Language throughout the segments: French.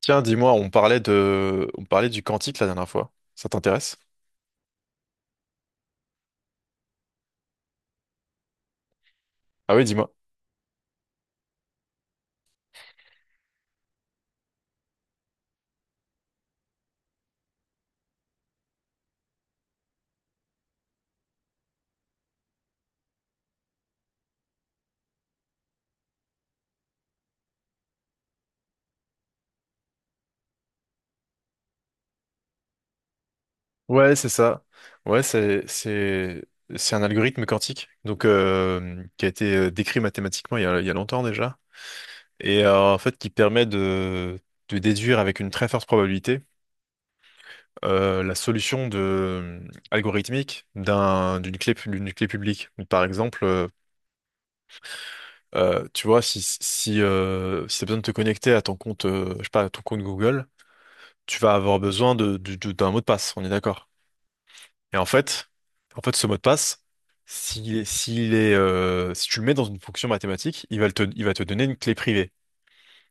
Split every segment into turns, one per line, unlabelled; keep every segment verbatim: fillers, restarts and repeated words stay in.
Tiens, dis-moi, on parlait de, on parlait du cantique la dernière fois. Ça t'intéresse? Ah oui, dis-moi. Ouais, c'est ça. Ouais, c'est, c'est, c'est un algorithme quantique, donc euh, qui a été euh, décrit mathématiquement il y a, il y a longtemps déjà, et euh, en fait qui permet de, de déduire avec une très forte probabilité euh, la solution de euh, algorithmique d'un, d'une clé, pu- d'une clé publique. Par exemple, euh, euh, tu vois, si si euh, si t'as besoin de te connecter à ton compte, euh, je sais pas, à ton compte Google. Tu vas avoir besoin de, du- du- d'un mot de passe, on est d'accord. Et en fait, en fait, ce mot de passe, s'il est, s'il est, euh, si tu le mets dans une fonction mathématique, il va le te, il va te donner une clé privée.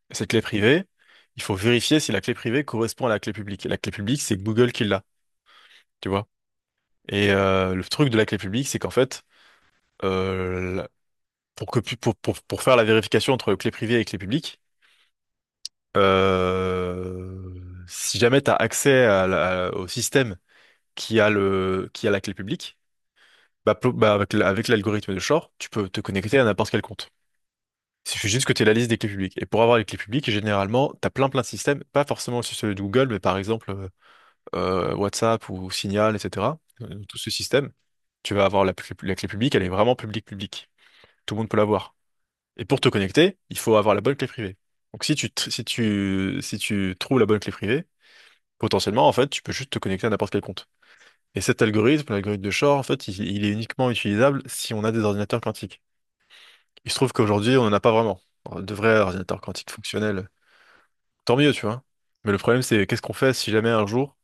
Et cette clé privée, il faut vérifier si la clé privée correspond à la clé publique. Et la clé publique, c'est Google qui l'a, tu vois. Et euh, le truc de la clé publique, c'est qu'en fait, euh, la- pour que pu- pour, pour, pour faire la vérification entre clé privée et clé publique, euh, si jamais tu as accès à la- au système qui a le, qui a la clé publique. Bah, plo- bah, avec l- avec l'algorithme de Shore, tu peux te connecter à n'importe quel compte. Il suffit juste que tu aies la liste des clés publiques. Et pour avoir les clés publiques, généralement, tu as plein plein de systèmes, pas forcément aussi celui de Google, mais par exemple euh, euh, WhatsApp ou Signal, etcetera. Euh, Tout ce système, tu vas avoir la, clé la clé publique, elle est vraiment publique publique. Tout le monde peut l'avoir. Et pour te connecter, il faut avoir la bonne clé privée. Donc si tu, tr- si tu, si tu trouves la bonne clé privée, potentiellement, en fait, tu peux juste te connecter à n'importe quel compte. Et cet algorithme, l'algorithme de Shor, en fait, il, il est uniquement utilisable si on a des ordinateurs quantiques. Il se trouve qu'aujourd'hui, on n'en a pas vraiment. Enfin, de vrais ordinateurs quantiques fonctionnels. Tant mieux, tu vois. Mais le problème, c'est qu'est-ce qu'on fait si jamais un jour,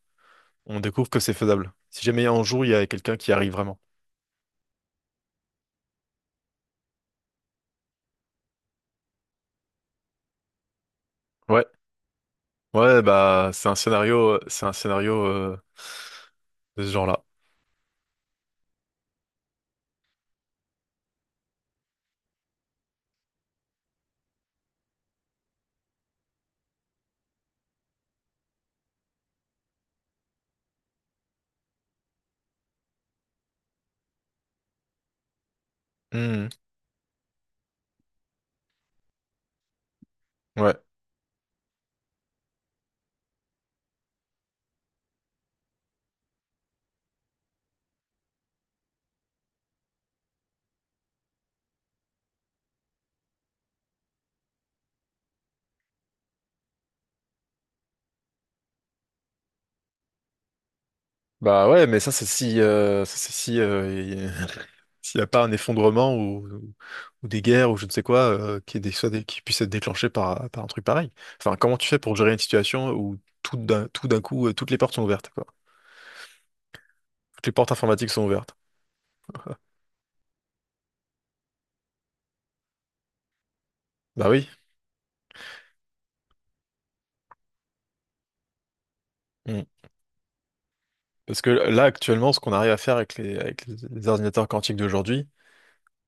on découvre que c'est faisable? Si jamais un jour, il y a quelqu'un qui arrive vraiment. Ouais. Ouais, bah, c'est un scénario, c'est un scénario euh, de ce genre-là. Hmm. Ouais. Bah ouais, mais ça c'est si euh, ça c'est si euh, il- s'il n'y a pas un effondrement ou, ou ou des guerres ou je ne sais quoi euh, qui est dé- soit dé- qui puisse être déclenché par par un truc pareil. Enfin, comment tu fais pour gérer une situation où tout d'un tout d'un coup euh, toutes les portes sont ouvertes quoi. Toutes les portes informatiques sont ouvertes. Bah oui. Mm. Parce que là actuellement ce qu'on arrive à faire avec les avec les les ordinateurs quantiques d'aujourd'hui,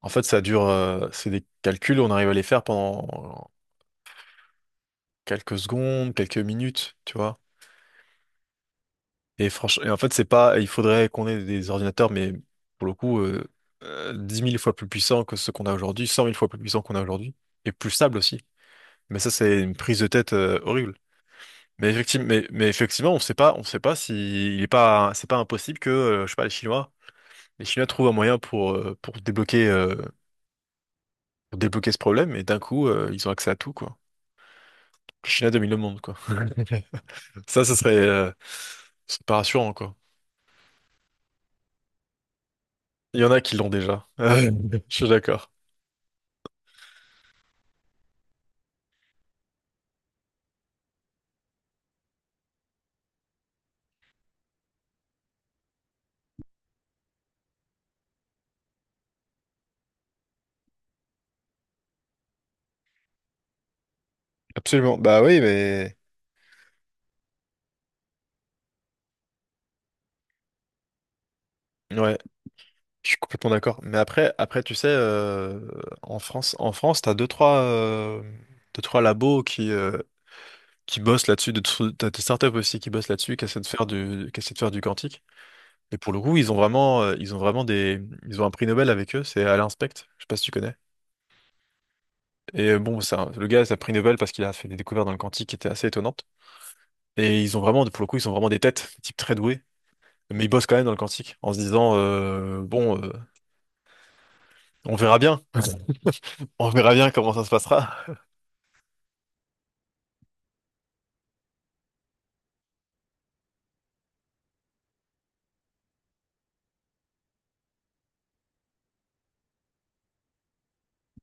en fait ça dure euh, c'est des calculs on arrive à les faire pendant quelques secondes, quelques minutes, tu vois. Et franchement, en fait, c'est pas, il faudrait qu'on ait des ordinateurs, mais pour le coup, euh, euh, dix mille fois plus puissants que ceux qu'on a aujourd'hui, cent mille fois plus puissants qu'on a aujourd'hui, et plus stables aussi. Mais ça, c'est une prise de tête euh, horrible. Mais effectivement, mais, mais effectivement, on sait pas, on sait pas si il est pas, c'est pas impossible que, euh, je sais pas, les Chinois, les Chinois trouvent un moyen pour euh, pour débloquer euh, pour débloquer ce problème, et d'un coup, euh, ils ont accès à tout, quoi. Les Chinois dominent le monde, quoi. Ça, ce serait, euh, c'est pas rassurant, quoi. Il y en a qui l'ont déjà. Je suis d'accord. Absolument. Bah oui, mais ouais, je suis complètement d'accord. Mais après, après, tu sais, euh, en France, en France, t'as deux trois, euh, deux trois labos qui euh, qui bossent là-dessus. deux, trois- T'as des startups aussi qui bossent là-dessus, qui essaient de faire du, qui essaient de faire du quantique. Et pour le coup, ils ont vraiment, euh, ils ont vraiment des, ils ont un prix Nobel avec eux. C'est Alain Specht. Je sais pas si tu connais. Et euh, bon, ça, le gars, c'est un prix Nobel parce qu'il a fait des découvertes dans le quantique qui étaient assez étonnantes. Et ils ont vraiment, pour le coup, ils sont vraiment des têtes, des types très doués. Mais ils bossent quand même dans le quantique en se disant, euh, bon. euh, on verra bien. On verra bien comment ça se passera.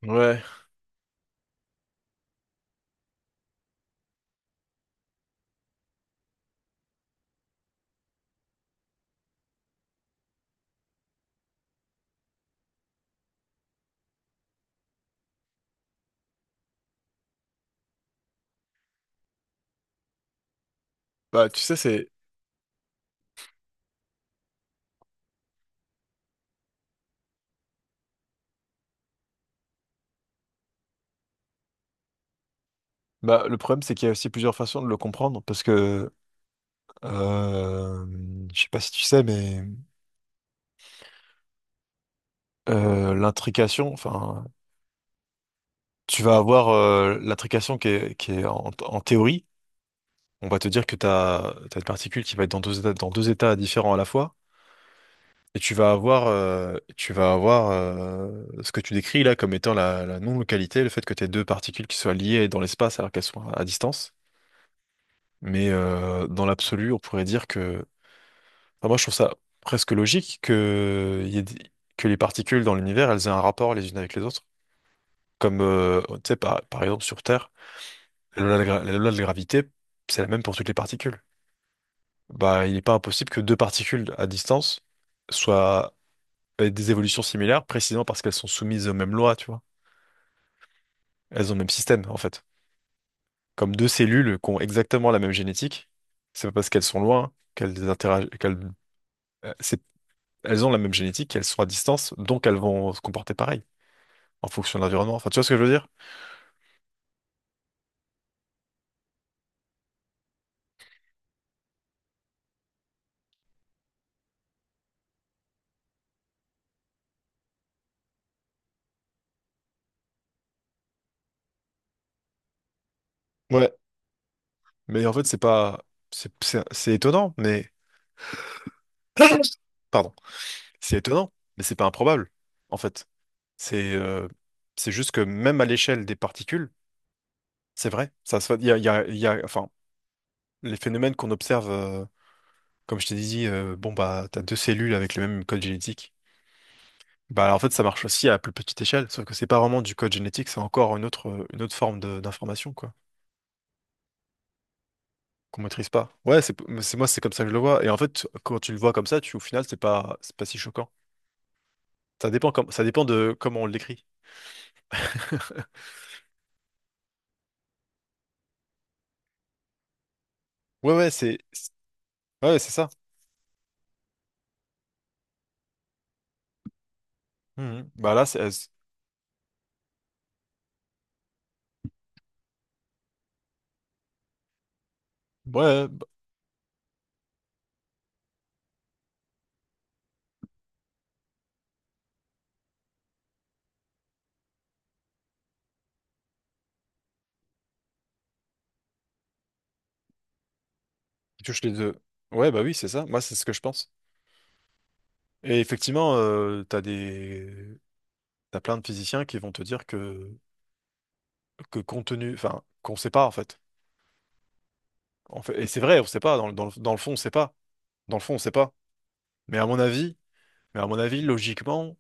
Ouais. Bah, tu sais, c'est. Bah, le problème, c'est qu'il y a aussi plusieurs façons de le comprendre, parce que. Euh... Je sais pas si tu sais, mais euh, l'intrication, enfin. Tu vas avoir euh, l'intrication qui est, qui est en, en théorie. On va te dire que t'as, t'as une particule qui va être dans deux états, dans deux états différents à la fois. Et tu vas avoir, euh, tu vas avoir euh, ce que tu décris là comme étant la, la non-localité, le fait que tes deux particules qui soient liées dans l'espace alors qu'elles soient à distance. Mais euh, dans l'absolu, on pourrait dire que... Enfin, moi, je trouve ça presque logique que, il y ait des- que les particules dans l'univers, elles aient un rapport les unes avec les autres. Comme, euh, tu sais, par, par exemple, sur Terre, la loi de gra- la loi de la gravité, c'est la même pour toutes les particules. Bah, il n'est pas impossible que deux particules à distance soient aient des évolutions similaires, précisément parce qu'elles sont soumises aux mêmes lois, tu vois. Elles ont le même système, en fait. Comme deux cellules qui ont exactement la même génétique, c'est pas parce qu'elles sont loin qu'elles interagissent, elles ont la même génétique, elles sont à distance, donc elles vont se comporter pareil en fonction de l'environnement. Enfin, tu vois ce que je veux dire? Ouais. Mais en fait, c'est pas, c'est c'est- c'est étonnant, mais pardon, c'est étonnant, mais c'est pas improbable. En fait, c'est euh, c'est juste que même à l'échelle des particules, c'est vrai. Ça se, fait- il y a, il y a, il y a- enfin, les phénomènes qu'on observe, euh, comme je t'ai dit, euh, bon bah, t'as deux cellules avec le même code génétique. Bah, en fait, ça marche aussi à plus petite échelle, sauf que c'est pas vraiment du code génétique, c'est encore une autre, une autre forme de- d'information, quoi. Qu'on maîtrise pas. Ouais, c'est c'est- moi c'est comme ça que je le vois. Et en fait, quand tu le vois comme ça, tu au final c'est pas c'est pas si choquant. Ça dépend comme ça dépend de comment on l'écrit. Ouais ouais c'est c'est- ouais c'est ça. Mhm. Bah là c'est ouais ouais, bah, il touche les deux. Ouais bah oui c'est ça. Moi c'est ce que je pense. Et effectivement euh, t'as des t'as plein de physiciens qui vont te dire que que compte tenu enfin qu'on sait pas en fait. En fait et c'est vrai on sait pas dans le- dans le, dans le fond on sait pas. Dans le fond on sait pas. Mais à mon avis mais à mon avis logiquement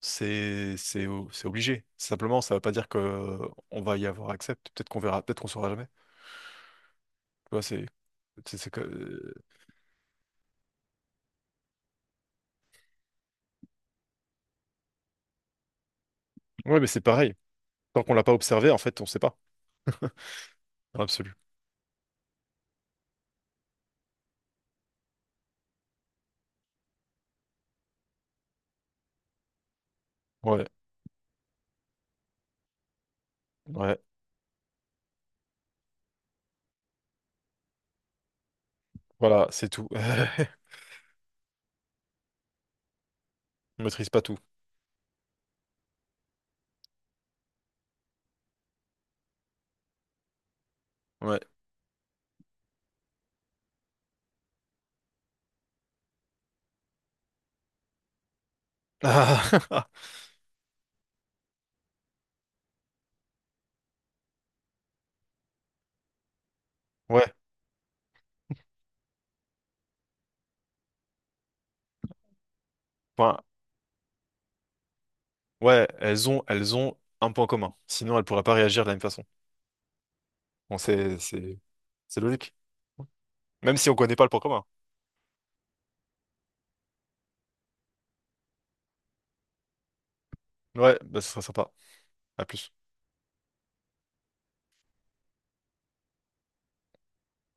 C'est c'est o- c'est obligé. Simplement, ça ne veut pas dire que euh, on va y avoir accès. Peut-être qu'on verra, peut-être qu'on saura jamais. Tu vois, c'est c'est c'est que euh, ouais, mais c'est pareil. Tant qu'on l'a pas observé, en fait, on sait pas. Dans l'absolu. Ouais, ouais. Voilà, c'est tout. On maîtrise pas tout. Ouais. Ouais. Enfin, ouais. Elles ont elles ont un point commun. Sinon, elles pourraient pas réagir de la même façon. Bon, c'est c'est c'est logique. Même si on connaît pas le point commun. Ouais, bah, ce serait sympa. À plus.